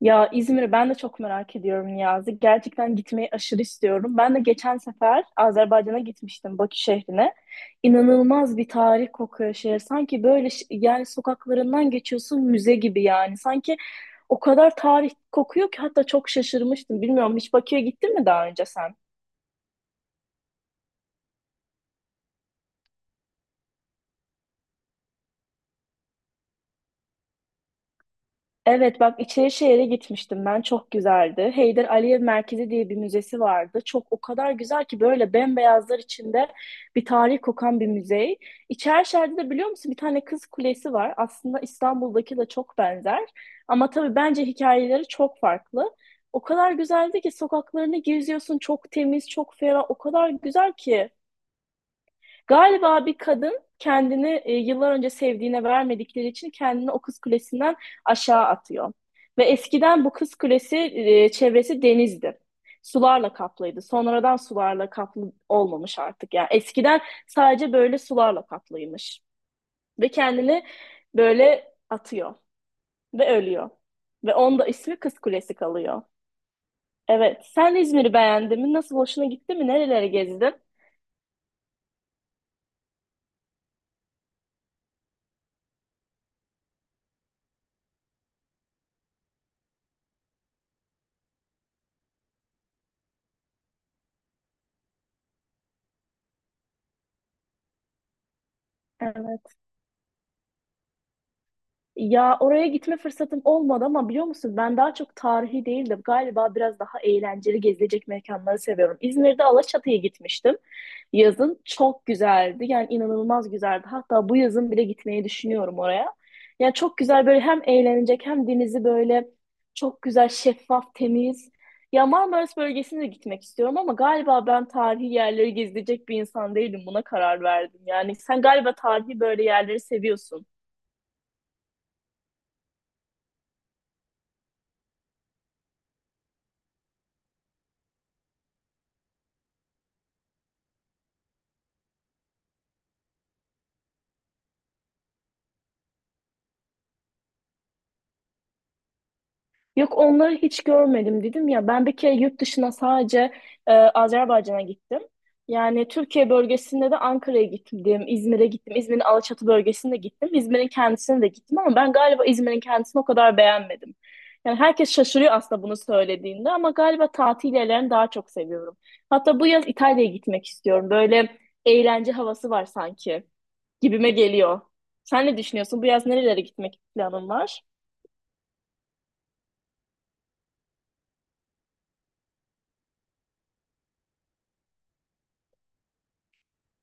Ya İzmir'i ben de çok merak ediyorum, Niyazi. Gerçekten gitmeyi aşırı istiyorum. Ben de geçen sefer Azerbaycan'a gitmiştim, Bakü şehrine. İnanılmaz bir tarih kokuyor şehir. Sanki böyle yani sokaklarından geçiyorsun, müze gibi yani. Sanki o kadar tarih kokuyor ki hatta çok şaşırmıştım. Bilmiyorum, hiç Bakü'ye gittin mi daha önce sen? Evet, bak Şehir'e gitmiştim ben, çok güzeldi. Heydar Aliyev Merkezi diye bir müzesi vardı. Çok, o kadar güzel ki böyle bembeyazlar içinde bir tarih kokan bir müze. İçerişehir'de de biliyor musun, bir tane kız kulesi var. Aslında İstanbul'daki de çok benzer. Ama tabii bence hikayeleri çok farklı. O kadar güzeldi ki sokaklarını geziyorsun, çok temiz, çok ferah, o kadar güzel ki. Galiba bir kadın kendini yıllar önce sevdiğine vermedikleri için kendini o kız kulesinden aşağı atıyor. Ve eskiden bu kız kulesi, çevresi denizdi. Sularla kaplıydı. Sonradan sularla kaplı olmamış artık. Yani eskiden sadece böyle sularla kaplıymış. Ve kendini böyle atıyor ve ölüyor. Ve onda ismi Kız Kulesi kalıyor. Evet. Sen İzmir'i beğendin mi? Nasıl, hoşuna gitti mi? Nerelere gezdin? Evet. Ya oraya gitme fırsatım olmadı ama biliyor musun, ben daha çok tarihi değil de galiba biraz daha eğlenceli gezilecek mekanları seviyorum. İzmir'de Alaçatı'ya gitmiştim. Yazın çok güzeldi. Yani inanılmaz güzeldi. Hatta bu yazın bile gitmeyi düşünüyorum oraya. Yani çok güzel, böyle hem eğlenecek hem denizi böyle çok güzel, şeffaf, temiz. Ya Marmaris bölgesine de gitmek istiyorum ama galiba ben tarihi yerleri gezilecek bir insan değilim. Buna karar verdim. Yani sen galiba tarihi böyle yerleri seviyorsun. Yok, onları hiç görmedim dedim ya. Ben bir kere yurt dışına sadece Azerbaycan'a gittim. Yani Türkiye bölgesinde de Ankara'ya gittim, İzmir'e gittim, İzmir'in Alaçatı bölgesine gittim, İzmir'in kendisine de gittim ama ben galiba İzmir'in kendisini o kadar beğenmedim. Yani herkes şaşırıyor aslında bunu söylediğinde ama galiba tatil yerlerini daha çok seviyorum. Hatta bu yaz İtalya'ya gitmek istiyorum. Böyle eğlence havası var sanki, gibime geliyor. Sen ne düşünüyorsun? Bu yaz nerelere gitmek planın var?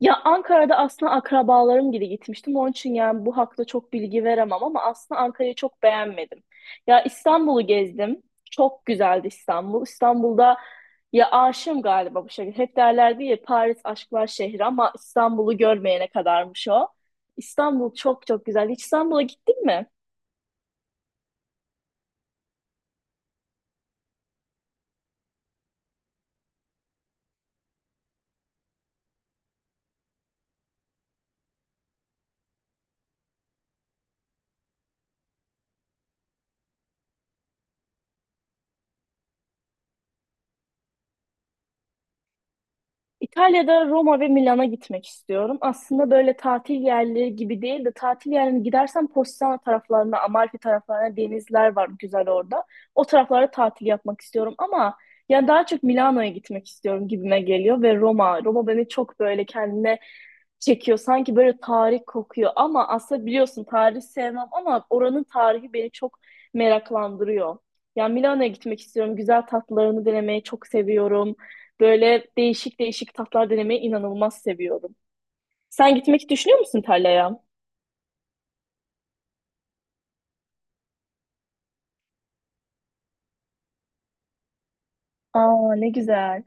Ya Ankara'da aslında akrabalarım gibi gitmiştim. Onun için yani bu hakta çok bilgi veremem ama aslında Ankara'yı çok beğenmedim. Ya İstanbul'u gezdim. Çok güzeldi İstanbul. İstanbul'da ya aşığım galiba bu şekilde. Hep derlerdi ya, Paris aşklar şehri ama İstanbul'u görmeyene kadarmış o. İstanbul çok çok güzel. Hiç İstanbul'a gittin mi? İtalya'da Roma ve Milan'a gitmek istiyorum. Aslında böyle tatil yerleri gibi değil de tatil yerine gidersem Positano taraflarına, Amalfi taraflarına denizler var güzel orada. O taraflara tatil yapmak istiyorum ama yani daha çok Milano'ya gitmek istiyorum gibime geliyor ve Roma. Roma beni çok böyle kendine çekiyor. Sanki böyle tarih kokuyor ama aslında biliyorsun tarih sevmem ama oranın tarihi beni çok meraklandırıyor. Yani Milano'ya gitmek istiyorum. Güzel tatlarını denemeyi çok seviyorum. Böyle değişik değişik tatlar denemeyi inanılmaz seviyorum. Sen gitmek düşünüyor musun İtalya'ya? Aa, ne güzel.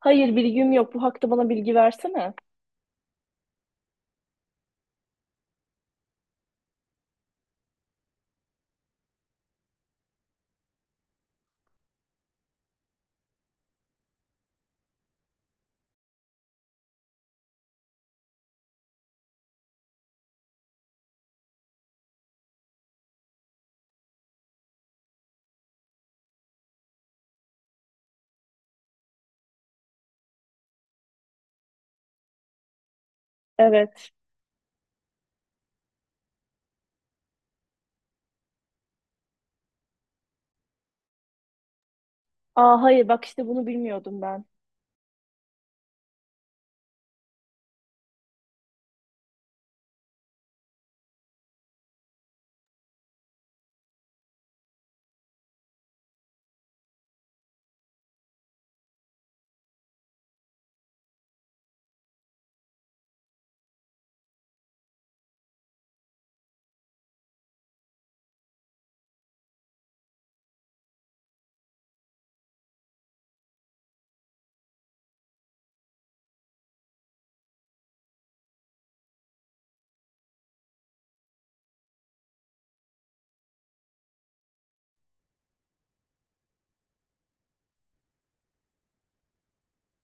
Hayır, bilgim yok. Bu hakta bana bilgi versene. Evet. Aa, hayır bak işte bunu bilmiyordum ben.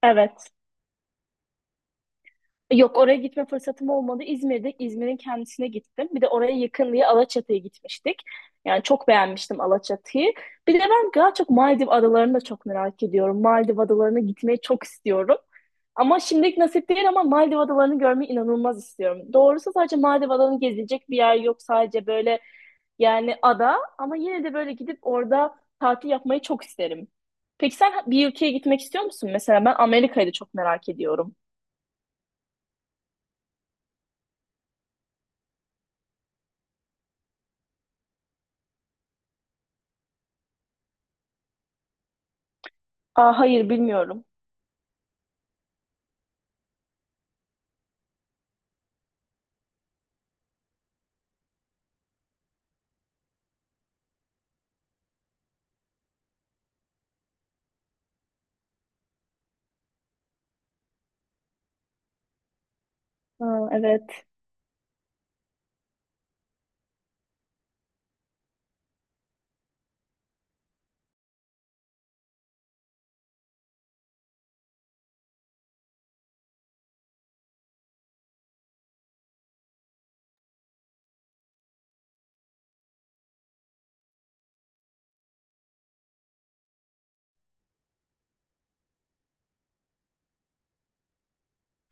Evet. Yok, oraya gitme fırsatım olmadı. İzmir'de İzmir'in kendisine gittim. Bir de oraya yakın diye Alaçatı'ya gitmiştik. Yani çok beğenmiştim Alaçatı'yı. Bir de ben daha çok Maldiv adalarını da çok merak ediyorum. Maldiv adalarına gitmeyi çok istiyorum. Ama şimdilik nasip değil ama Maldiv adalarını görmeyi inanılmaz istiyorum. Doğrusu sadece Maldiv adalarını gezilecek bir yer yok. Sadece böyle yani ada ama yine de böyle gidip orada tatil yapmayı çok isterim. Peki sen bir ülkeye gitmek istiyor musun? Mesela ben Amerika'yı da çok merak ediyorum. Aa, hayır bilmiyorum. Aa, evet.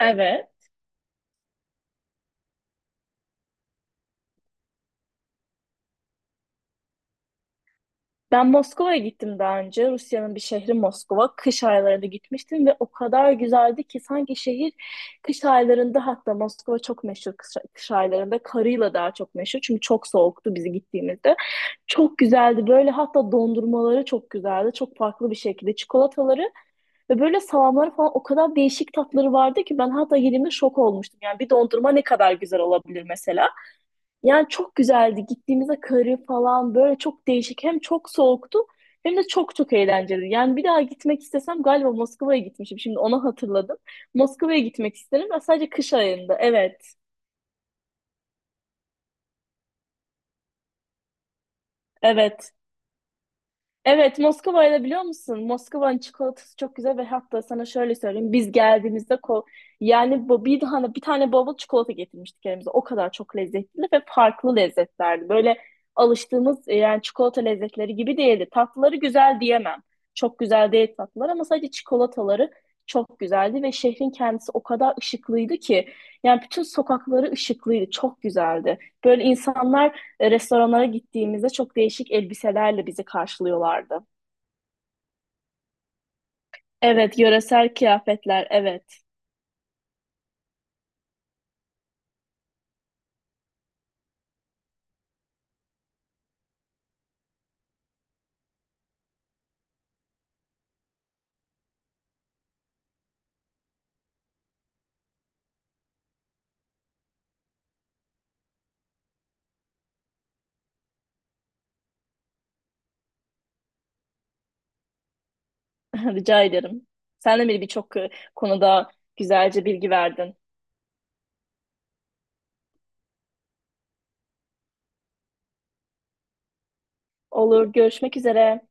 Evet. Ben Moskova'ya gittim daha önce. Rusya'nın bir şehri Moskova. Kış aylarında gitmiştim ve o kadar güzeldi ki sanki şehir kış aylarında, hatta Moskova çok meşhur kış aylarında karıyla daha çok meşhur. Çünkü çok soğuktu bizi gittiğimizde. Çok güzeldi, böyle hatta dondurmaları çok güzeldi. Çok farklı bir şekilde çikolataları ve böyle salamları falan o kadar değişik tatları vardı ki ben hatta yediğimde şok olmuştum. Yani bir dondurma ne kadar güzel olabilir mesela. Yani çok güzeldi. Gittiğimizde karı falan böyle çok değişik. Hem çok soğuktu hem de çok çok eğlenceli. Yani bir daha gitmek istesem galiba Moskova'ya gitmişim. Şimdi onu hatırladım. Moskova'ya gitmek isterim ve sadece kış ayında. Evet, evet. Evet, Moskova'yı da biliyor musun? Moskova'nın çikolatası çok güzel ve hatta sana şöyle söyleyeyim. Biz geldiğimizde yani bu bir tane bavul çikolata getirmiştik elimize. O kadar çok lezzetli ve farklı lezzetlerdi. Böyle alıştığımız yani çikolata lezzetleri gibi değildi. Tatlıları güzel diyemem. Çok güzel değil tatlılar ama sadece çikolataları çok güzeldi ve şehrin kendisi o kadar ışıklıydı ki yani bütün sokakları ışıklıydı. Çok güzeldi. Böyle insanlar restoranlara gittiğimizde çok değişik elbiselerle bizi karşılıyorlardı. Evet, yöresel kıyafetler, evet. Rica ederim. Sen de beni birçok konuda güzelce bilgi verdin. Olur, görüşmek üzere.